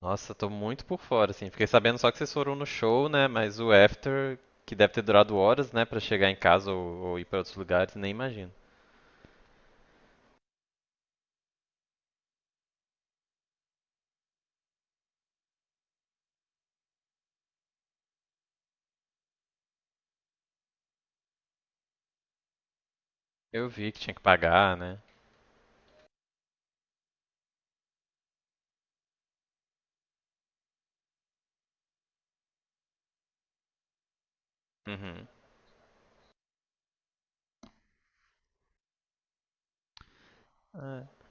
Nossa, tô muito por fora, assim. Fiquei sabendo só que vocês foram no show, né? Mas o after, que deve ter durado horas, né, pra chegar em casa ou ir pra outros lugares, nem imagino. Eu vi que tinha que pagar, né? Uhum. É.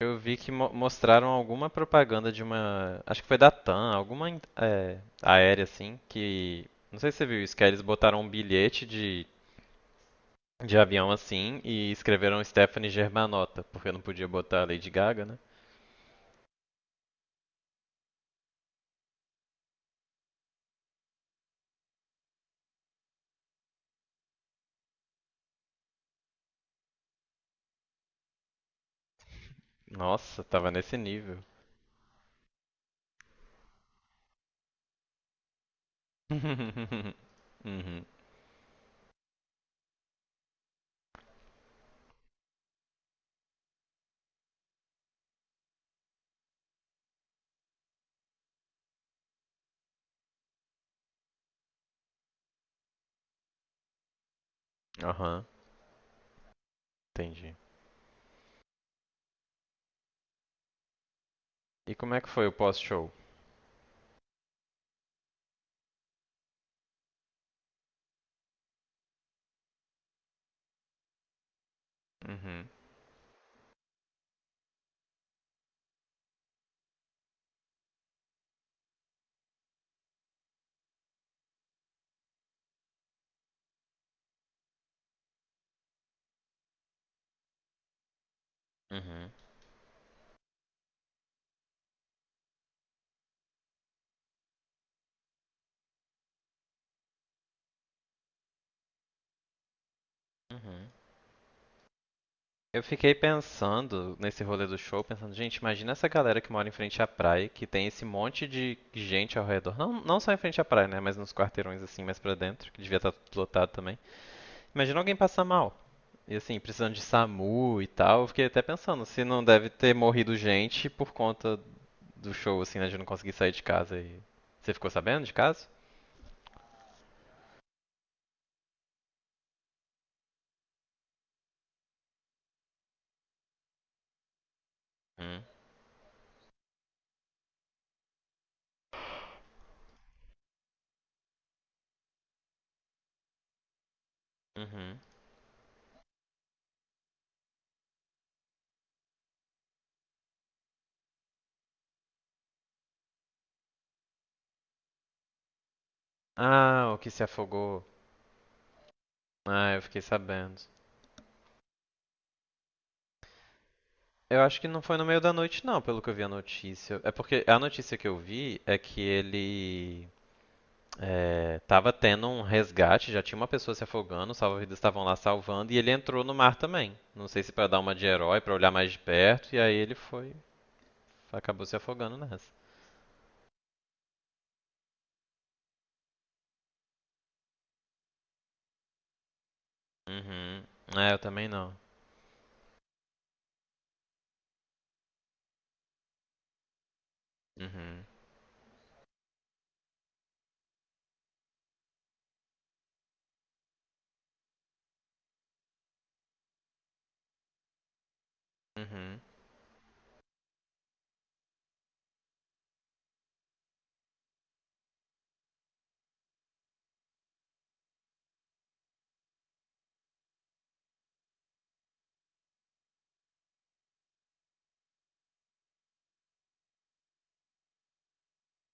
Eu vi que mostraram alguma propaganda de uma. Acho que foi da TAM, alguma aérea, assim, que. Não sei se você viu isso, que aí eles botaram um bilhete de avião assim e escreveram Stephanie Germanotta, porque não podia botar a Lady Gaga, né? Nossa, tava nesse nível. Uhum. Aham, entendi. E como é que foi o pós-show? Uhum. Uhum. Uhum. Eu fiquei pensando nesse rolê do show, pensando, gente, imagina essa galera que mora em frente à praia, que tem esse monte de gente ao redor. Não, não só em frente à praia, né? Mas nos quarteirões assim, mais pra dentro, que devia estar tudo lotado também. Imagina alguém passar mal. E assim, precisando de SAMU e tal. Eu fiquei até pensando, se não deve ter morrido gente por conta do show, assim, né? De não conseguir sair de casa e. Você ficou sabendo de caso? Hum. Uhum. Ah, o que se afogou. Ah, eu fiquei sabendo. Eu acho que não foi no meio da noite, não, pelo que eu vi a notícia. É porque a notícia que eu vi é que ele tava tendo um resgate, já tinha uma pessoa se afogando, os salva-vidas estavam lá salvando, e ele entrou no mar também. Não sei se pra dar uma de herói, pra olhar mais de perto, e aí ele foi, acabou se afogando nessa. Uhum. É, eu também não. Uhum. Uhum.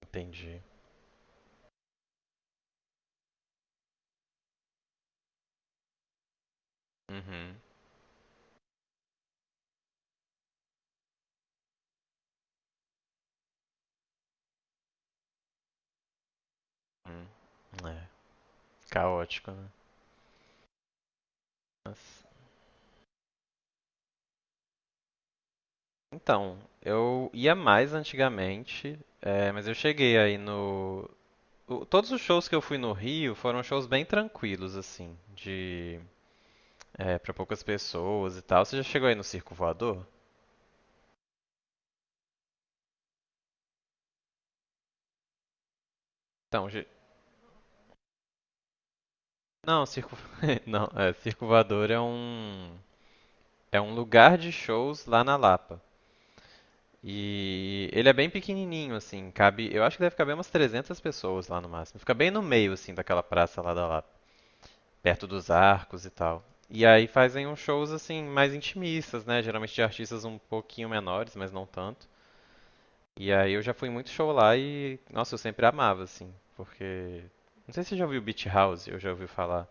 Entendi. Uhum. Uhum. É, caótico, né? Nossa. Então, eu ia mais antigamente, mas eu cheguei aí no. Todos os shows que eu fui no Rio foram shows bem tranquilos, assim, de. É, pra poucas pessoas e tal. Você já chegou aí no Circo Voador? Então, não, Circo. Não, é, Circo Voador é um. É um lugar de shows lá na Lapa. E ele é bem pequenininho, assim, cabe. Eu acho que deve caber umas 300 pessoas lá no máximo. Fica bem no meio, assim, daquela praça lá da Lapa. Perto dos arcos e tal. E aí fazem uns shows assim mais intimistas, né? Geralmente de artistas um pouquinho menores, mas não tanto. E aí eu já fui muito show lá e, nossa, eu sempre amava assim, porque não sei se você já ouviu Beach House, eu já ouvi falar,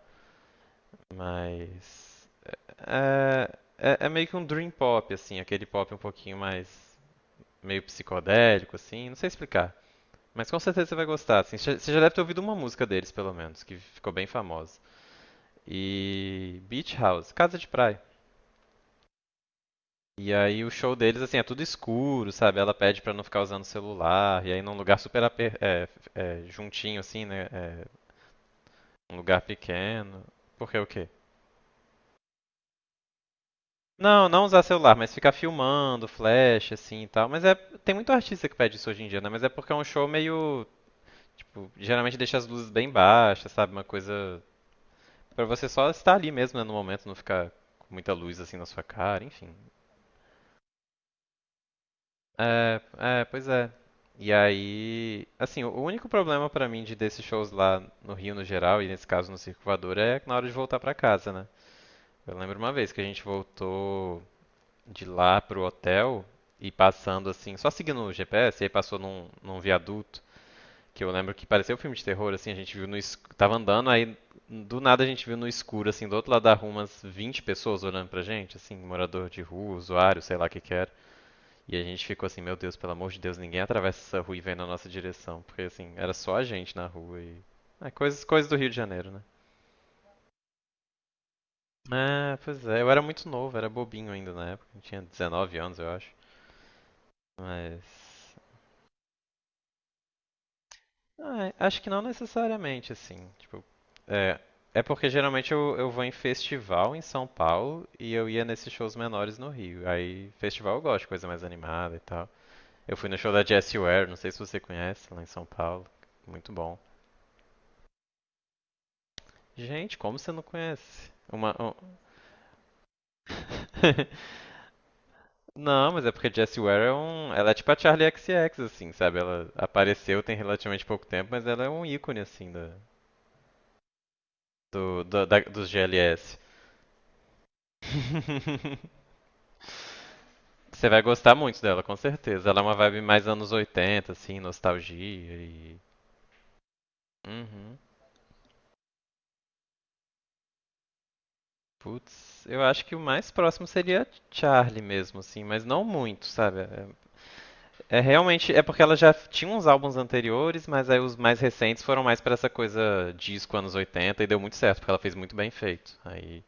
mas é meio que um dream pop assim, aquele pop um pouquinho mais meio psicodélico assim, não sei explicar. Mas com certeza você vai gostar, assim. Você já deve ter ouvido uma música deles, pelo menos, que ficou bem famosa. E Beach House, Casa de Praia. E aí o show deles, assim, é tudo escuro, sabe? Ela pede pra não ficar usando celular, e aí num lugar super aper- é, é, juntinho, assim, né? É, um lugar pequeno. Porque o quê? Não, não usar celular, mas ficar filmando, flash, assim e tal. Mas é, tem muito artista que pede isso hoje em dia, né? Mas é porque é um show meio, tipo, geralmente deixa as luzes bem baixas, sabe? Uma coisa pra você só estar ali mesmo, né, no momento, não ficar com muita luz assim na sua cara, enfim. Pois é. E aí, assim, o único problema pra mim de desses shows lá no Rio no geral, e nesse caso no Circo Voador, é na hora de voltar pra casa, né? Eu lembro uma vez que a gente voltou de lá pro hotel e passando assim, só seguindo o GPS, e aí passou num viaduto, que eu lembro que parecia um filme de terror, assim, a gente viu no escuro, tava andando, aí do nada a gente viu no escuro, assim, do outro lado da rua umas 20 pessoas olhando pra gente, assim, morador de rua, usuário, sei lá o que que era. E a gente ficou assim, meu Deus, pelo amor de Deus, ninguém atravessa essa rua e vem na nossa direção. Porque assim, era só a gente na rua e. Ah, coisas, coisas do Rio de Janeiro, né? Ah, pois é, eu era muito novo, era bobinho ainda na época. Eu tinha 19 anos, eu acho. Mas. Ah, acho que não necessariamente, assim. Tipo, é, é porque geralmente eu vou em festival em São Paulo e eu ia nesses shows menores no Rio. Aí, festival eu gosto, coisa mais animada e tal. Eu fui no show da Jessie Ware, não sei se você conhece, lá em São Paulo. Muito bom. Gente, como você não conhece? Uma. Não, mas é porque Jessie Ware é um. Ela é tipo a Charlie X X assim, sabe? Ela apareceu tem relativamente pouco tempo, mas ela é um ícone, assim, da, do, do- da- dos GLS. Você vai gostar muito dela, com certeza. Ela é uma vibe mais anos 80, assim, nostalgia e. Uhum. Putz, eu acho que o mais próximo seria Charlie mesmo, assim, mas não muito, sabe? É realmente, é porque ela já tinha uns álbuns anteriores, mas aí os mais recentes foram mais pra essa coisa disco anos 80 e deu muito certo, porque ela fez muito bem feito. Aí.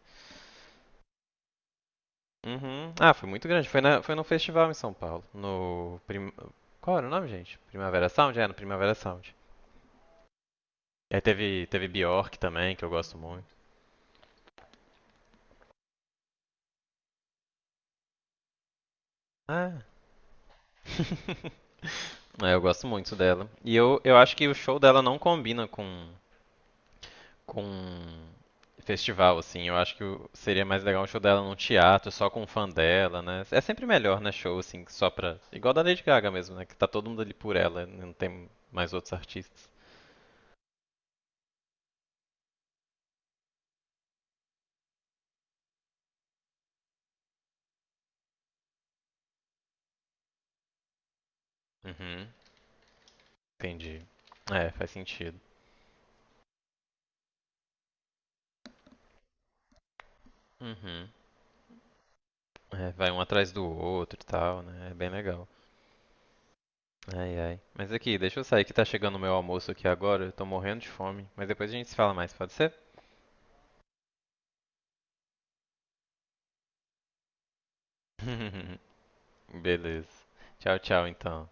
Uhum. Ah, foi muito grande. Foi no festival em São Paulo. No. Prim... Qual era o nome, gente? Primavera Sound? É, no Primavera Sound. E aí teve Bjork também, que eu gosto muito. Ah. É, eu gosto muito dela. E eu acho que o show dela não combina com festival, assim. Eu acho que seria mais legal um show dela num teatro, só com um fã dela, né? É sempre melhor, né, show, assim, só pra... Igual da Lady Gaga mesmo, né? Que tá todo mundo ali por ela, não tem mais outros artistas. Uhum, entendi. É, faz sentido. Uhum. É, vai um atrás do outro e tal, né? É bem legal. Ai, ai. Mas aqui, deixa eu sair que tá chegando o meu almoço aqui agora. Eu tô morrendo de fome. Mas depois a gente se fala mais, pode ser? Beleza. Tchau, tchau, então.